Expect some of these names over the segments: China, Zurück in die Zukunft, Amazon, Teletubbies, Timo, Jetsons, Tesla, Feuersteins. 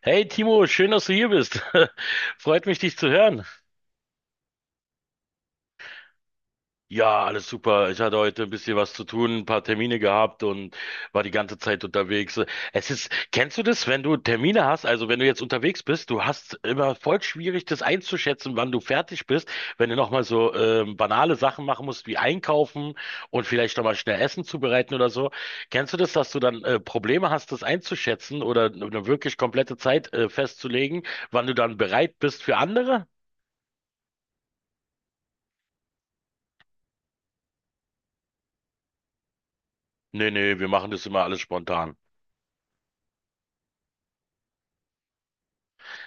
Hey Timo, schön, dass du hier bist. Freut mich, dich zu hören. Ja, alles super. Ich hatte heute ein bisschen was zu tun, ein paar Termine gehabt und war die ganze Zeit unterwegs. Es ist, kennst du das, wenn du Termine hast, also wenn du jetzt unterwegs bist, du hast immer voll schwierig, das einzuschätzen, wann du fertig bist, wenn du nochmal so banale Sachen machen musst, wie einkaufen und vielleicht nochmal schnell Essen zubereiten oder so. Kennst du das, dass du dann Probleme hast, das einzuschätzen oder eine wirklich komplette Zeit festzulegen, wann du dann bereit bist für andere? Nee, nee, wir machen das immer alles spontan.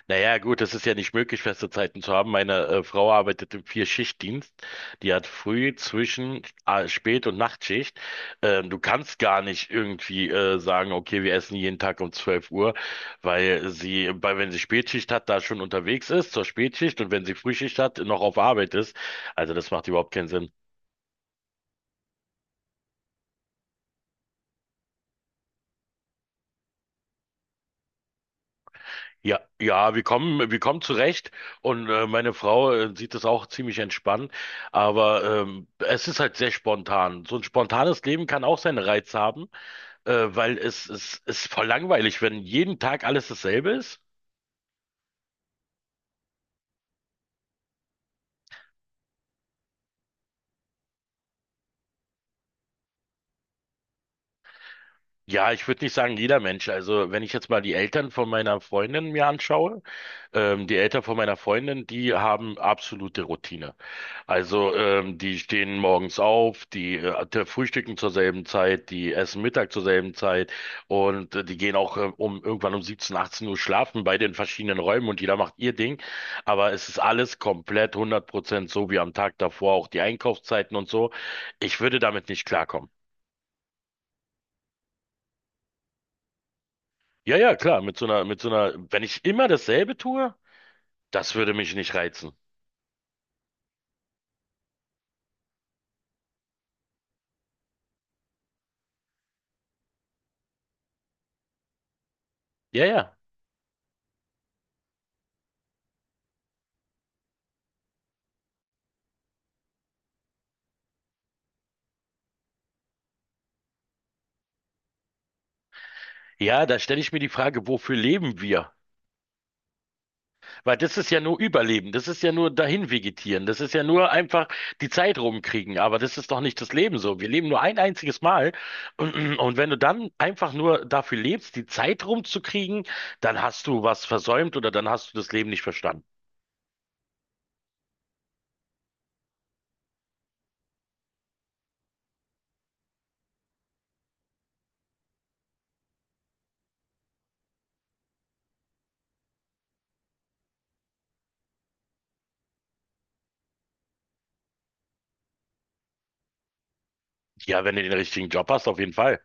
Naja, gut, es ist ja nicht möglich, feste Zeiten zu haben. Meine Frau arbeitet im Vier-Schicht-Dienst. Die hat früh, zwischen, Spät- und Nachtschicht. Du kannst gar nicht irgendwie sagen, okay, wir essen jeden Tag um 12 Uhr, weil wenn sie Spätschicht hat, da schon unterwegs ist zur Spätschicht und wenn sie Frühschicht hat, noch auf Arbeit ist. Also das macht überhaupt keinen Sinn. Ja, ja, wir kommen zurecht und meine Frau sieht das auch ziemlich entspannt, aber es ist halt sehr spontan. So ein spontanes Leben kann auch seinen Reiz haben, weil es ist voll langweilig, wenn jeden Tag alles dasselbe ist. Ja, ich würde nicht sagen jeder Mensch. Also wenn ich jetzt mal die Eltern von meiner Freundin mir anschaue, die Eltern von meiner Freundin, die haben absolute Routine. Also, die stehen morgens auf, die frühstücken zur selben Zeit, die essen Mittag zur selben Zeit und die gehen auch um irgendwann um 17, 18 Uhr schlafen bei den verschiedenen Räumen und jeder macht ihr Ding. Aber es ist alles komplett 100% so wie am Tag davor, auch die Einkaufszeiten und so. Ich würde damit nicht klarkommen. Ja, ja, klar, wenn ich immer dasselbe tue, das würde mich nicht reizen. Ja, ja. Ja, da stelle ich mir die Frage, wofür leben wir? Weil das ist ja nur Überleben, das ist ja nur dahin vegetieren, das ist ja nur einfach die Zeit rumkriegen, aber das ist doch nicht das Leben so. Wir leben nur ein einziges Mal und wenn du dann einfach nur dafür lebst, die Zeit rumzukriegen, dann hast du was versäumt oder dann hast du das Leben nicht verstanden. Ja, wenn du den richtigen Job hast, auf jeden Fall.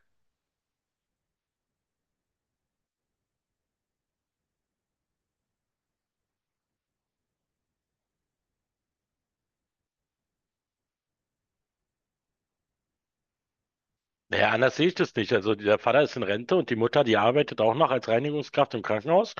Naja, anders sehe ich das nicht. Also der Vater ist in Rente und die Mutter, die arbeitet auch noch als Reinigungskraft im Krankenhaus,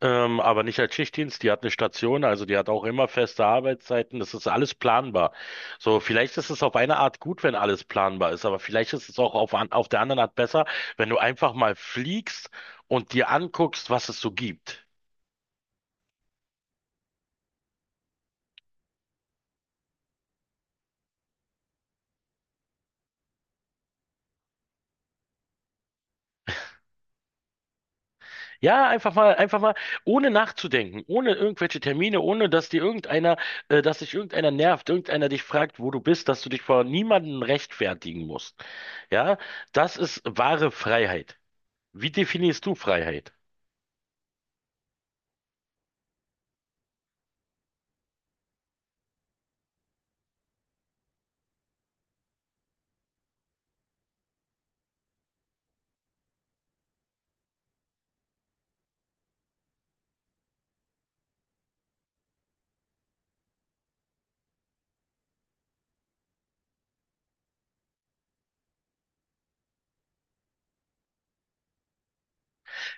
aber nicht als Schichtdienst. Die hat eine Station, also die hat auch immer feste Arbeitszeiten. Das ist alles planbar. So, vielleicht ist es auf eine Art gut, wenn alles planbar ist, aber vielleicht ist es auch auf der anderen Art besser, wenn du einfach mal fliegst und dir anguckst, was es so gibt. Ja, einfach mal, ohne nachzudenken, ohne irgendwelche Termine, ohne dass dir irgendeiner, dass dich irgendeiner nervt, irgendeiner dich fragt, wo du bist, dass du dich vor niemandem rechtfertigen musst. Ja, das ist wahre Freiheit. Wie definierst du Freiheit?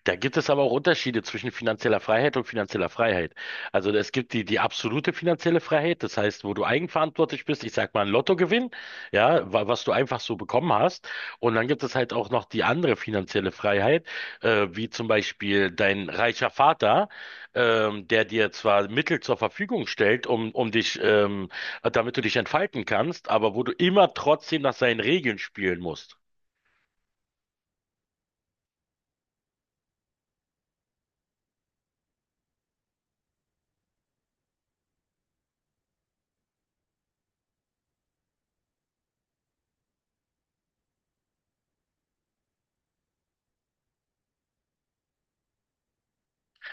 Da gibt es aber auch Unterschiede zwischen finanzieller Freiheit und finanzieller Freiheit. Also es gibt die absolute finanzielle Freiheit, das heißt, wo du eigenverantwortlich bist, ich sag mal ein Lottogewinn, ja, was du einfach so bekommen hast. Und dann gibt es halt auch noch die andere finanzielle Freiheit, wie zum Beispiel dein reicher Vater, der dir zwar Mittel zur Verfügung stellt, um dich, damit du dich entfalten kannst, aber wo du immer trotzdem nach seinen Regeln spielen musst.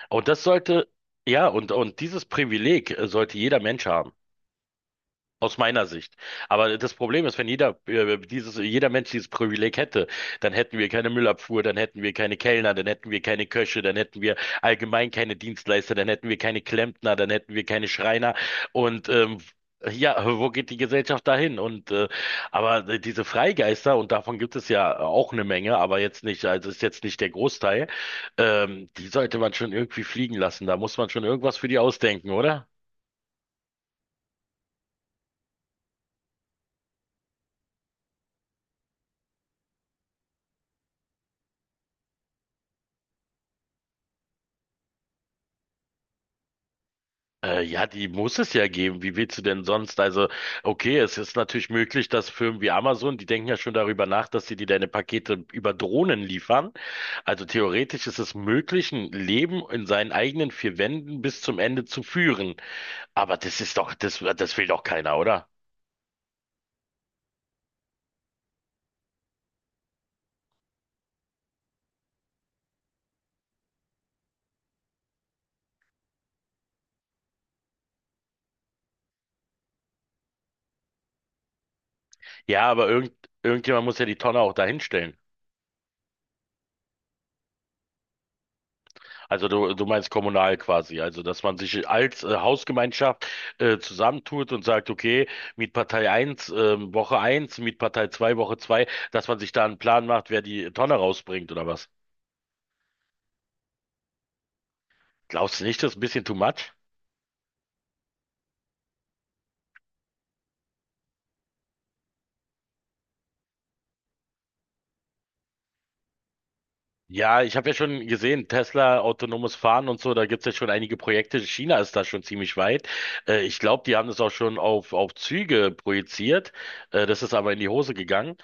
Und das sollte, ja, und dieses Privileg sollte jeder Mensch haben. Aus meiner Sicht. Aber das Problem ist, wenn jeder, dieses, jeder Mensch dieses Privileg hätte, dann hätten wir keine Müllabfuhr, dann hätten wir keine Kellner, dann hätten wir keine Köche, dann hätten wir allgemein keine Dienstleister, dann hätten wir keine Klempner, dann hätten wir keine Schreiner. Und ähm, ja, wo geht die Gesellschaft dahin? Aber diese Freigeister, und davon gibt es ja auch eine Menge, aber jetzt nicht, also ist jetzt nicht der Großteil, die sollte man schon irgendwie fliegen lassen. Da muss man schon irgendwas für die ausdenken, oder? Ja, die muss es ja geben. Wie willst du denn sonst? Also, okay, es ist natürlich möglich, dass Firmen wie Amazon, die denken ja schon darüber nach, dass sie dir deine Pakete über Drohnen liefern. Also theoretisch ist es möglich, ein Leben in seinen eigenen vier Wänden bis zum Ende zu führen. Aber das ist doch, das will doch keiner, oder? Ja, irgendjemand muss ja die Tonne auch dahinstellen. Also du meinst kommunal quasi, also dass man sich als Hausgemeinschaft zusammentut und sagt, okay, Mietpartei 1 Woche 1, Mietpartei 2 Woche 2, dass man sich da einen Plan macht, wer die Tonne rausbringt oder was? Glaubst du nicht, das ist ein bisschen too much? Ja, ich habe ja schon gesehen, Tesla, autonomes Fahren und so, da gibt's ja schon einige Projekte. China ist da schon ziemlich weit. Ich glaube, die haben das auch schon auf Züge projiziert. Das ist aber in die Hose gegangen.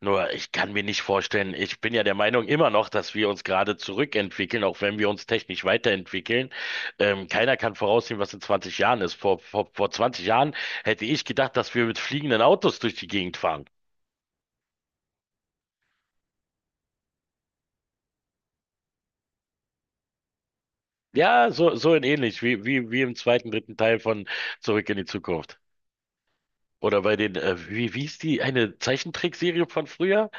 Nur, ich kann mir nicht vorstellen, ich bin ja der Meinung immer noch, dass wir uns gerade zurückentwickeln, auch wenn wir uns technisch weiterentwickeln. Keiner kann voraussehen, was in 20 Jahren ist. Vor 20 Jahren hätte ich gedacht, dass wir mit fliegenden Autos durch die Gegend fahren. Ja, so in ähnlich, wie im dritten Teil von Zurück in die Zukunft. Oder bei den, wie hieß die, eine Zeichentrickserie von früher?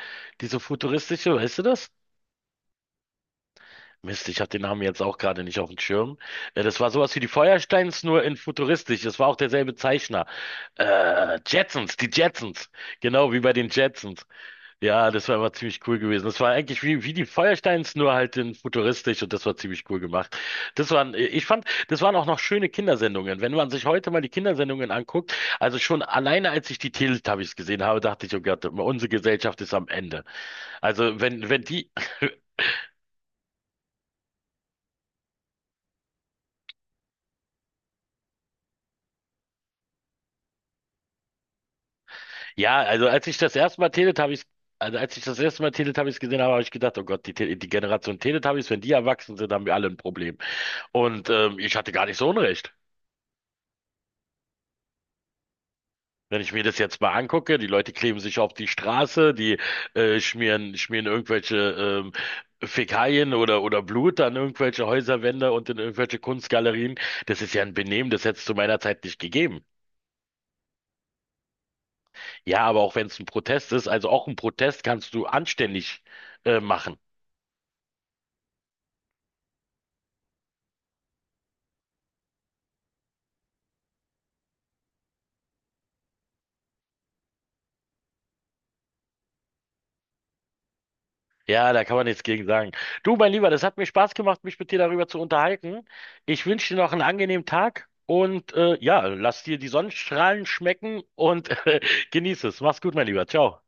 Diese futuristische, weißt du das? Mist, ich habe den Namen jetzt auch gerade nicht auf dem Schirm. Das war sowas wie die Feuersteins, nur in futuristisch. Das war auch derselbe Zeichner. Jetsons, die Jetsons. Genau wie bei den Jetsons. Ja, das war immer ziemlich cool gewesen. Das war eigentlich wie die Feuersteins, nur halt in futuristisch und das war ziemlich cool gemacht. Das waren, ich fand, das waren auch noch schöne Kindersendungen. Wenn man sich heute mal die Kindersendungen anguckt, also schon alleine als ich die Teletubbies gesehen habe, dachte ich, oh Gott, unsere Gesellschaft ist am Ende. Also wenn, wenn die, ja, also als ich das erste Mal Teletubbies Also als ich das erste Mal Teletubbies gesehen habe, habe ich gedacht, oh Gott, die Generation Teletubbies, wenn die erwachsen sind, haben wir alle ein Problem. Und ich hatte gar nicht so Unrecht. Wenn ich mir das jetzt mal angucke, die Leute kleben sich auf die Straße, die schmieren irgendwelche ähm, Fäkalien oder Blut an irgendwelche Häuserwände und in irgendwelche Kunstgalerien. Das ist ja ein Benehmen, das hätte es zu meiner Zeit nicht gegeben. Ja, aber auch wenn es ein Protest ist, also auch ein Protest kannst du anständig machen. Ja, da kann man nichts gegen sagen. Du, mein Lieber, das hat mir Spaß gemacht, mich mit dir darüber zu unterhalten. Ich wünsche dir noch einen angenehmen Tag und ja, lass dir die Sonnenstrahlen schmecken und genieß es. Mach's gut, mein Lieber. Ciao.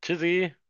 Tschüssi.